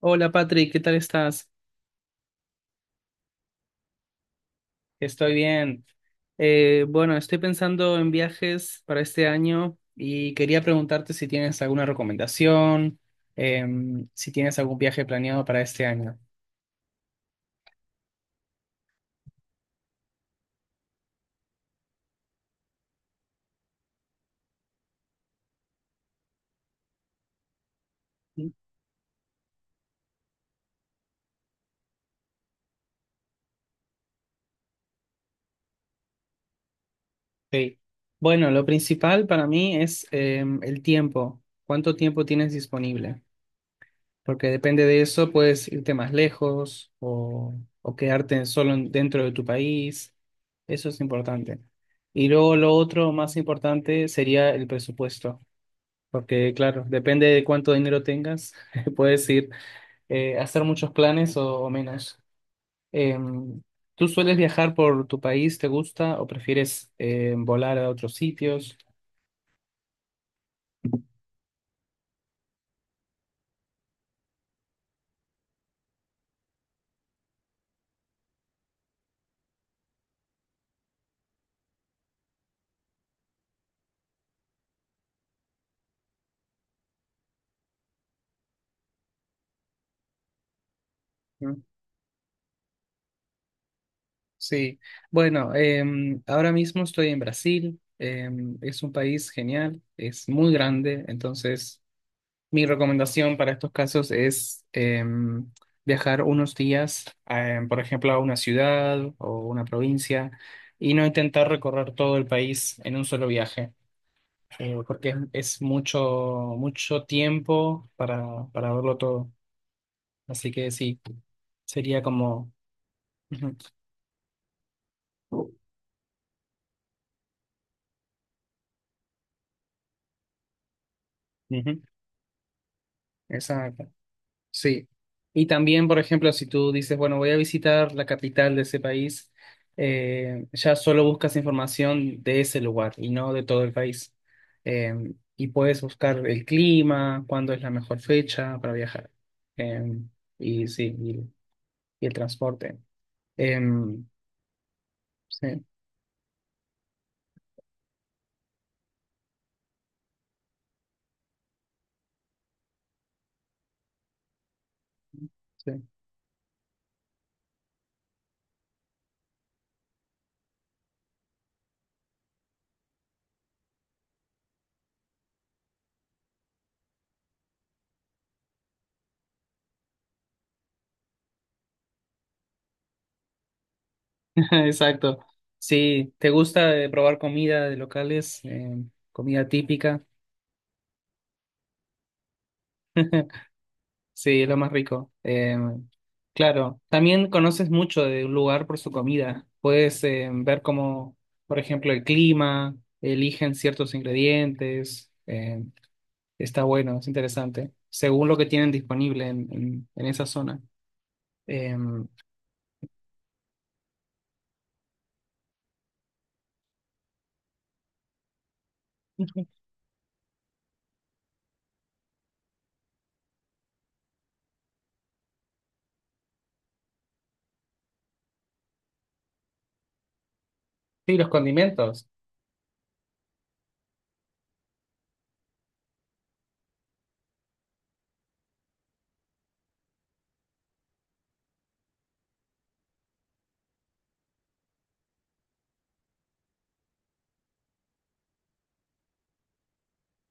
Hola Patrick, ¿qué tal estás? Estoy bien. Bueno, estoy pensando en viajes para este año y quería preguntarte si tienes alguna recomendación, si tienes algún viaje planeado para este año. Sí. Bueno, lo principal para mí es el tiempo. ¿Cuánto tiempo tienes disponible? Porque depende de eso, puedes irte más lejos o quedarte solo dentro de tu país. Eso es importante. Y luego lo otro más importante sería el presupuesto. Porque claro, depende de cuánto dinero tengas, puedes ir a hacer muchos planes o menos. Em, ¿Tú sueles viajar por tu país? ¿Te gusta o prefieres volar a otros sitios? Sí, bueno, ahora mismo estoy en Brasil, es un país genial, es muy grande, entonces mi recomendación para estos casos es viajar unos días, por ejemplo, a una ciudad o una provincia y no intentar recorrer todo el país en un solo viaje, porque es mucho, mucho tiempo para verlo todo. Así que sí, sería como... Ujú, ujú, esa. Sí, y también, por ejemplo, si tú dices, bueno, voy a visitar la capital de ese país, ya solo buscas información de ese lugar y no de todo el país. Y puedes buscar el clima, cuándo es la mejor fecha para viajar. Eh, y sí, y el transporte. Eh, sí, sí. Exacto. Sí te gusta probar comida de locales, comida típica. Sí, es lo más rico. Claro, también conoces mucho de un lugar por su comida. Puedes ver cómo, por ejemplo, el clima, eligen ciertos ingredientes. Está bueno, es interesante, según lo que tienen disponible en, en esa zona. Eh, sí, los condimentos.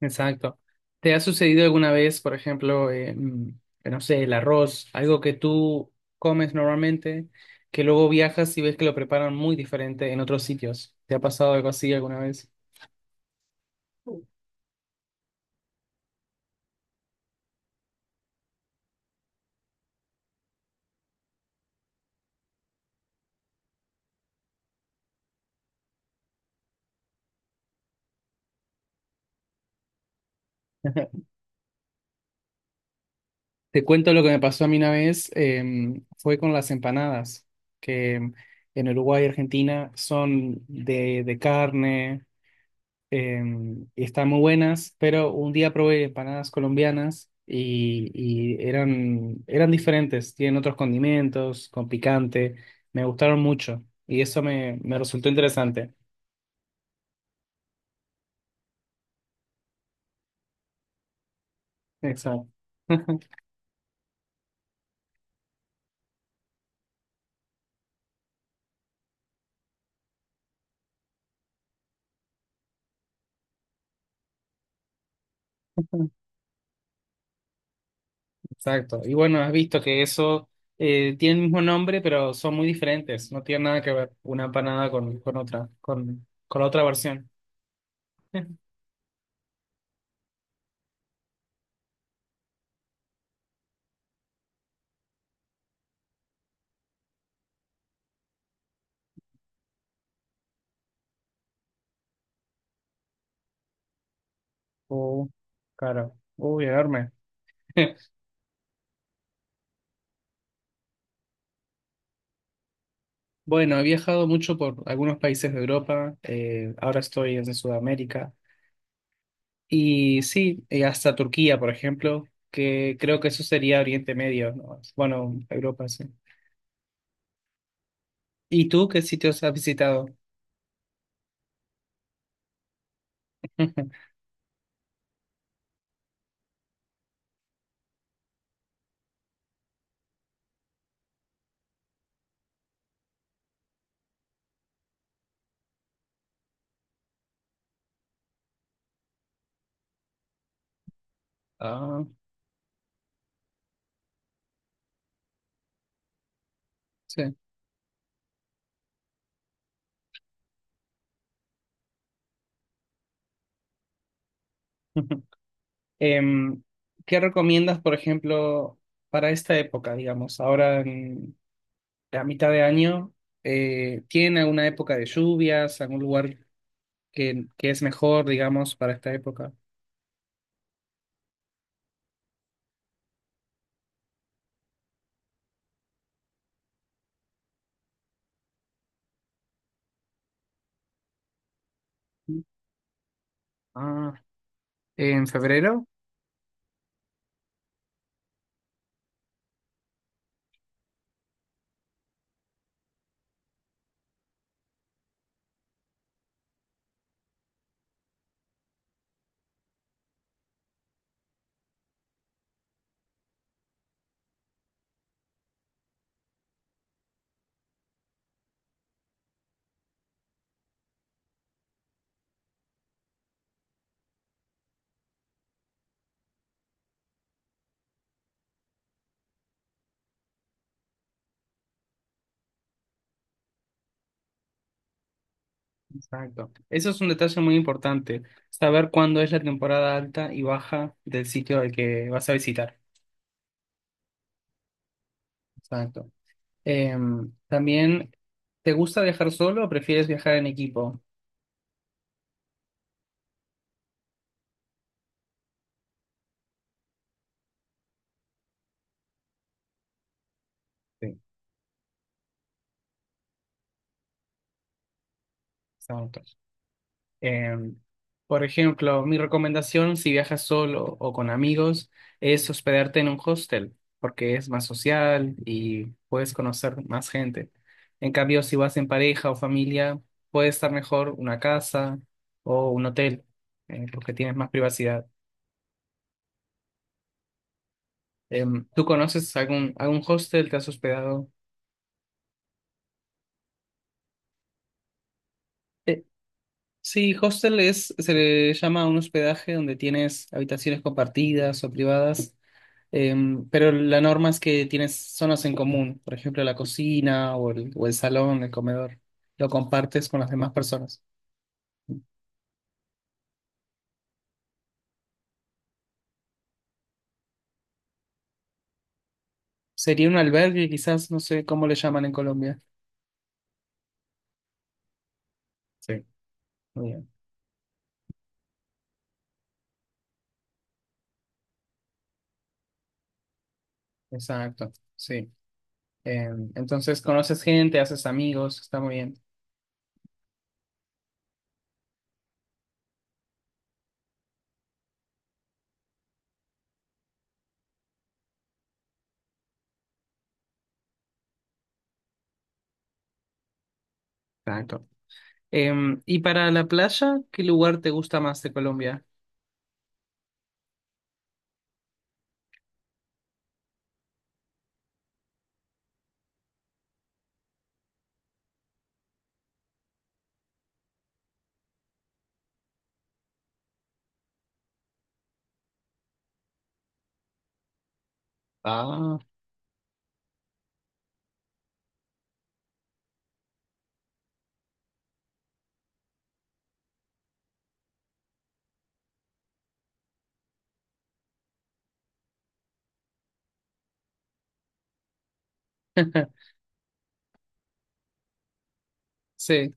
Exacto. ¿Te ha sucedido alguna vez, por ejemplo, no sé, el arroz, algo que tú comes normalmente, que luego viajas y ves que lo preparan muy diferente en otros sitios? ¿Te ha pasado algo así alguna vez? Te cuento lo que me pasó a mí una vez, fue con las empanadas, que en Uruguay y Argentina son de carne, y están muy buenas, pero un día probé empanadas colombianas y eran diferentes, tienen otros condimentos, con picante, me gustaron mucho y eso me resultó interesante. Exacto. Exacto. Y bueno, has visto que eso tiene el mismo nombre, pero son muy diferentes, no tienen nada que ver una empanada con otra, con la otra versión. Uh, claro. Uy, enorme. Bueno, he viajado mucho por algunos países de Europa, ahora estoy en Sudamérica y sí, hasta Turquía, por ejemplo, que creo que eso sería Oriente Medio, ¿no? Bueno, Europa, sí. ¿Y tú qué sitios has visitado? Ah, sí. Em, ¿qué recomiendas, por ejemplo, para esta época, digamos, ahora en la mitad de año? ¿Tienen alguna época de lluvias, algún lugar que es mejor, digamos, para esta época? Ah, en febrero, exacto. Eso es un detalle muy importante, saber cuándo es la temporada alta y baja del sitio al que vas a visitar. Exacto. También, ¿te gusta viajar solo o prefieres viajar en equipo? Sí. Exacto. Em, por ejemplo, mi recomendación si viajas solo o con amigos es hospedarte en un hostel, porque es más social y puedes conocer más gente. En cambio, si vas en pareja o familia, puede estar mejor una casa o un hotel, porque tienes más privacidad. ¿Tú conoces algún hostel? ¿Te has hospedado? Eh, sí, hostel es, se le llama a un hospedaje donde tienes habitaciones compartidas o privadas. Em, pero la norma es que tienes zonas en común, por ejemplo, la cocina o el salón, el comedor. Lo compartes con las demás personas. Sería un albergue, quizás, no sé cómo le llaman en Colombia. Sí. Muy bien, exacto, sí. Entonces conoces gente, haces amigos, está muy bien. Exacto. Y para la playa, ¿qué lugar te gusta más de Colombia? Ah, sí,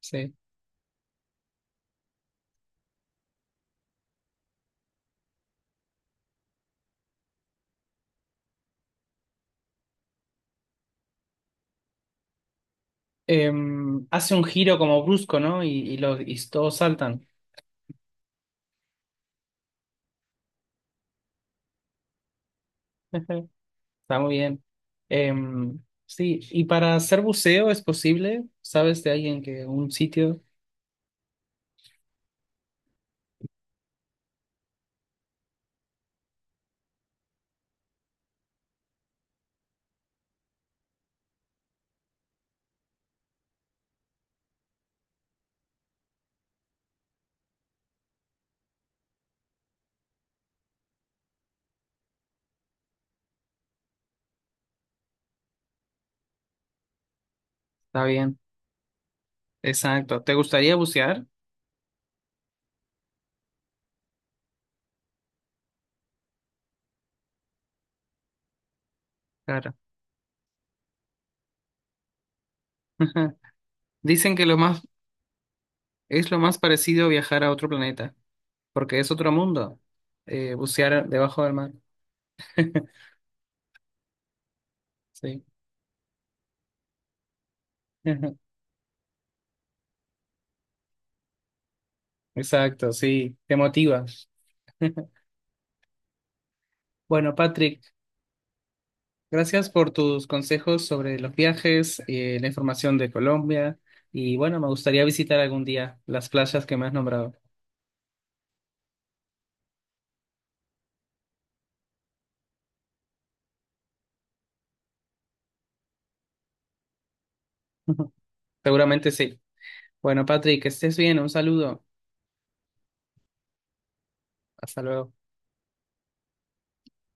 sí. Hace un giro como brusco, ¿no? Y, y todos saltan. Está muy bien. Em, sí, y para hacer buceo es posible, ¿sabes de alguien que un sitio? Está bien, exacto. ¿Te gustaría bucear? Claro. Dicen que lo más es lo más parecido a viajar a otro planeta, porque es otro mundo, bucear debajo del mar. Sí. Exacto, sí, te motiva. Bueno, Patrick, gracias por tus consejos sobre los viajes, la información de Colombia y bueno, me gustaría visitar algún día las playas que me has nombrado. Seguramente sí. Bueno, Patrick, que estés bien. Un saludo. Hasta luego.